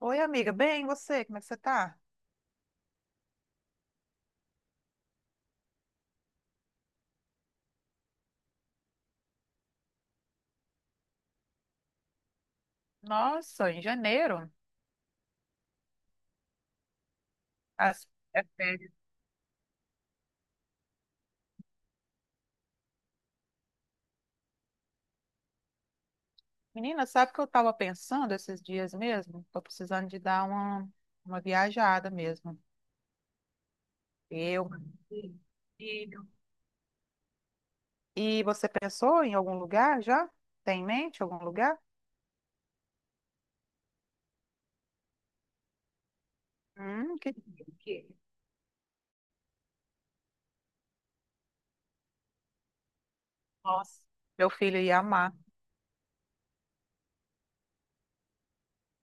Oi, amiga. Bem, e você? Como é que você tá? Nossa, em janeiro, as é férias. Menina, sabe o que eu estava pensando esses dias mesmo? Tô precisando de dar uma viajada mesmo. Eu, Sim. Filho. E você pensou em algum lugar já? Tem em mente algum lugar? Hum, que... que- Nossa, meu filho ia amar.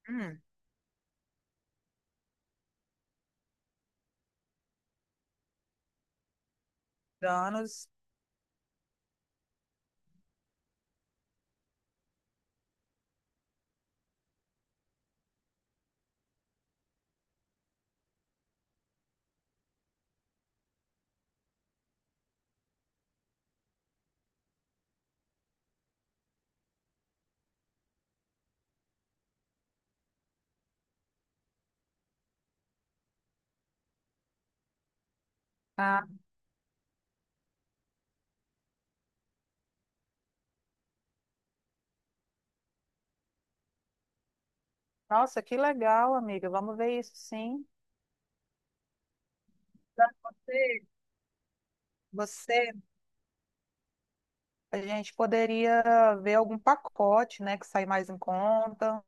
Hum, Danos. Ah, nossa, que legal, amiga. Vamos ver isso, sim. Pra Você, A gente poderia ver algum pacote, né, que sai mais em conta.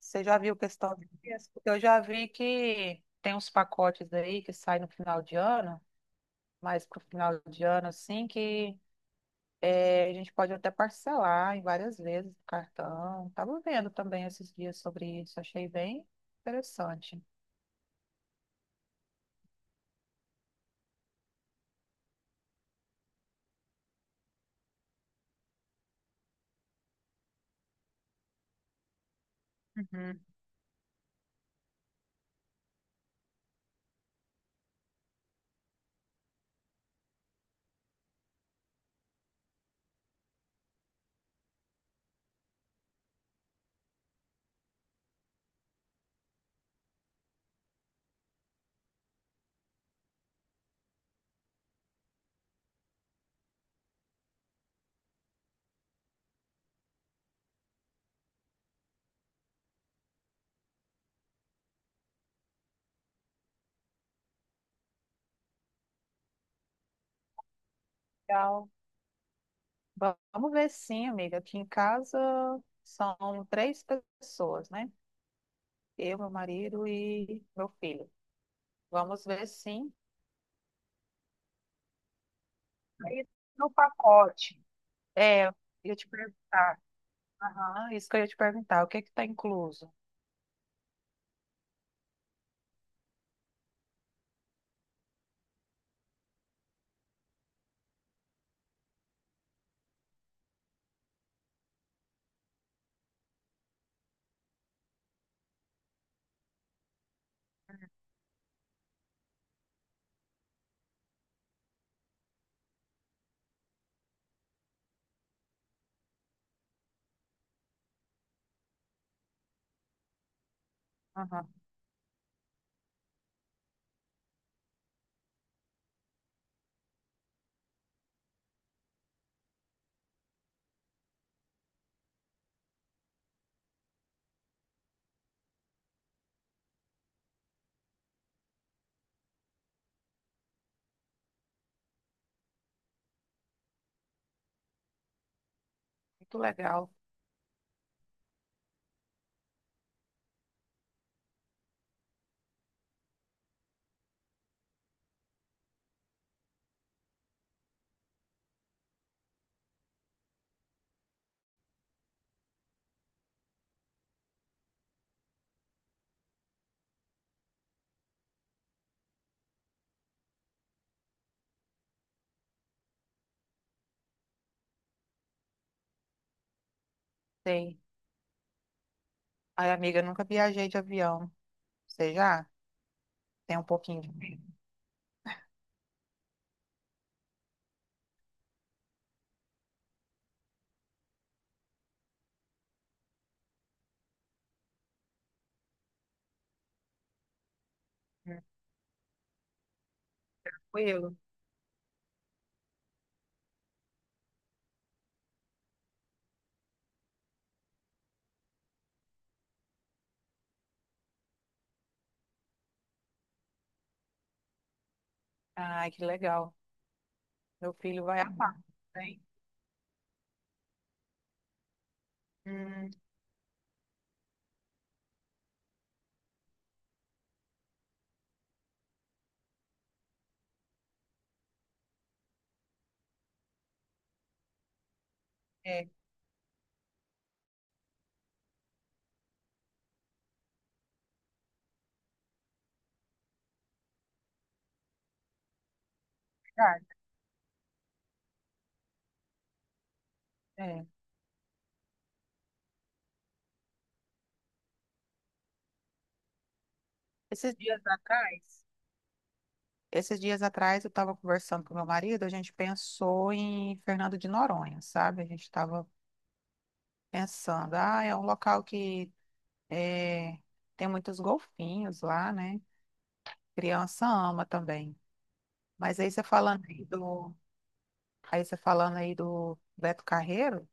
Você já viu questão de preço? porque eu já vi que tem uns pacotes aí que saem no final de ano, mas pro final de ano, assim, que a gente pode até parcelar em várias vezes no cartão. Estava vendo também esses dias sobre isso, achei bem interessante. Uhum. Legal. Vamos ver sim, amiga. Aqui em casa são três pessoas, né? Eu, meu marido e meu filho. Vamos ver, sim. Aí, no pacote, é, eu ia te perguntar. Aham, isso que eu ia te perguntar. O que é que tá incluso? Aham, muito legal. Sei. Ai, amiga, eu nunca viajei de avião. Você já? Tem um pouquinho de medo. Tranquilo. Ai, que legal. Meu filho vai amar. Tem. É verdade. É. Esses Dias atrás, Esses dias atrás eu estava conversando com meu marido, a gente pensou em Fernando de Noronha, sabe? A gente estava pensando, ah, é um local que eh, tem muitos golfinhos lá, né? Criança ama também. Mas aí você falando aí do, aí você falando aí do Beto Carreiro,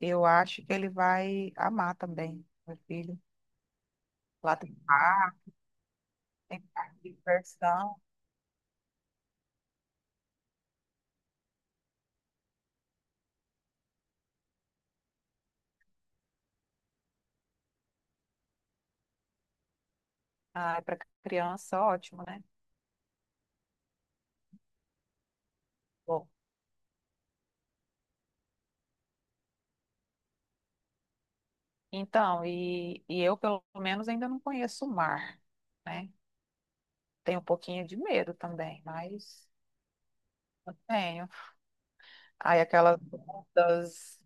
eu acho que ele vai amar também, meu filho. Lá tem parque de diversão. Ah, para criança, ótimo, né? Bom, então, e eu, pelo menos, ainda não conheço o mar, né? Tenho um pouquinho de medo também, mas eu tenho. Aí, aquelas ondas.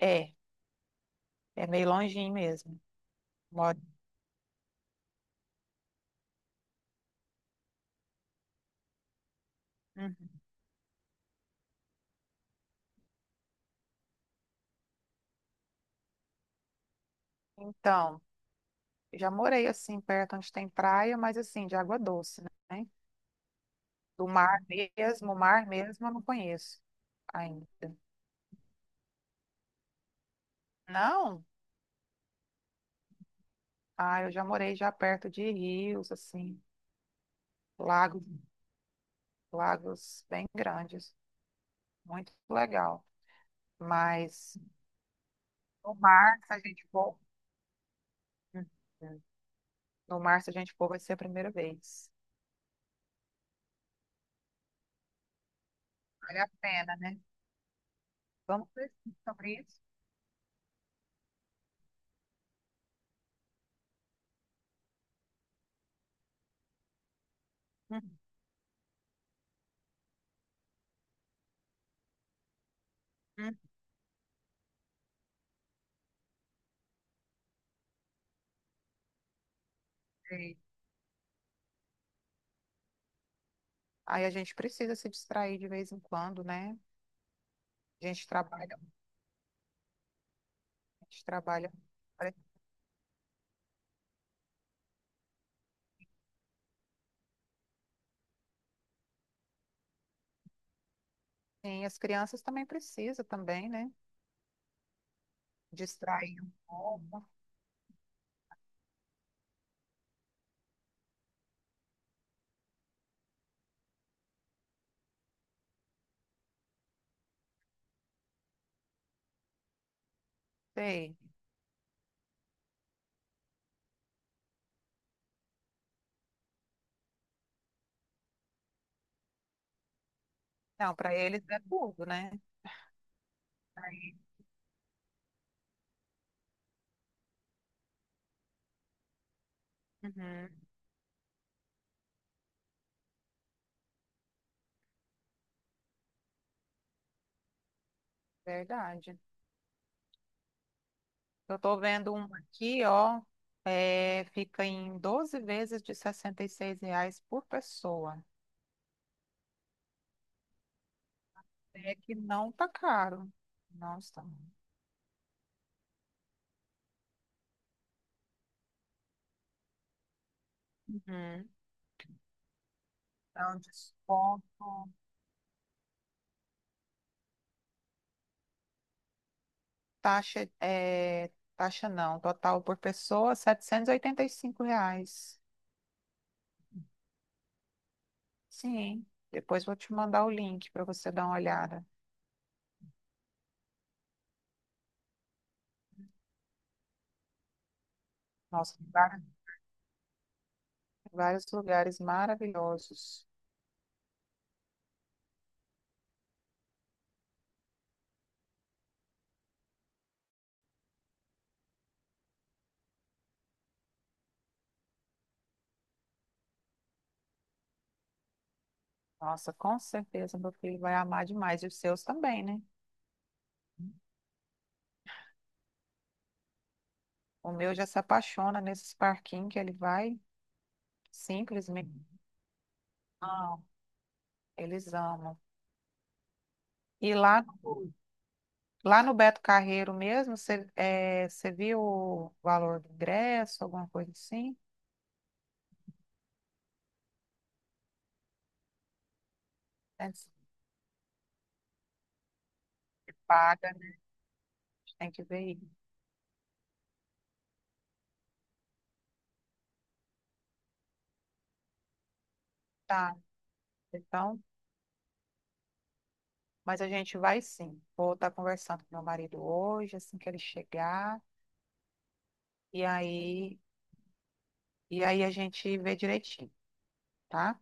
É, é meio longinho mesmo. Moro. Uhum. Então, já morei assim, perto onde tem praia, mas assim, de água doce, né? Do mar mesmo, o mar mesmo, eu não conheço ainda. Não? Ah, eu já morei já perto de rios, assim, lago lagos bem grandes, muito legal. Mas no mar, se a gente for, Uhum. No mar, se a gente for, vai ser a primeira vez. Vale a pena, né? Vamos pesquisar sobre isso. Uhum. Uhum. Sei. Aí a gente precisa se distrair de vez em quando, né? A gente trabalha, a gente trabalha. Sim, as crianças também precisam também, né? Distrair um pouco. Sei. Não, para eles é tudo, né? Uhum, verdade. Eu tô vendo uma aqui, ó, fica em 12 vezes de R$ 66 por pessoa. É que não tá caro. Não está. Uhum. É um desconto. Taxa, taxa não, total por pessoa, R$ 785. Sim, depois vou te mandar o link para você dar uma olhada. Nossa, tem vários vários lugares maravilhosos. Nossa, com certeza meu filho vai amar demais. E os seus também, né? O meu já se apaixona nesses parquinhos que ele vai, simplesmente. Não, eles amam. E lá no Beto Carreiro mesmo, você viu o valor do ingresso, alguma coisa assim? É, se paga, a gente tem que ver aí. Tá, então, mas a gente vai sim. Vou estar conversando com meu marido hoje, assim que ele chegar, e aí, e aí a gente vê direitinho, tá?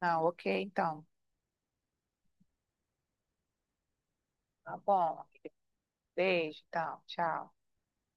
Não, ok, então. Tá bom. Beijo, então. Tchau.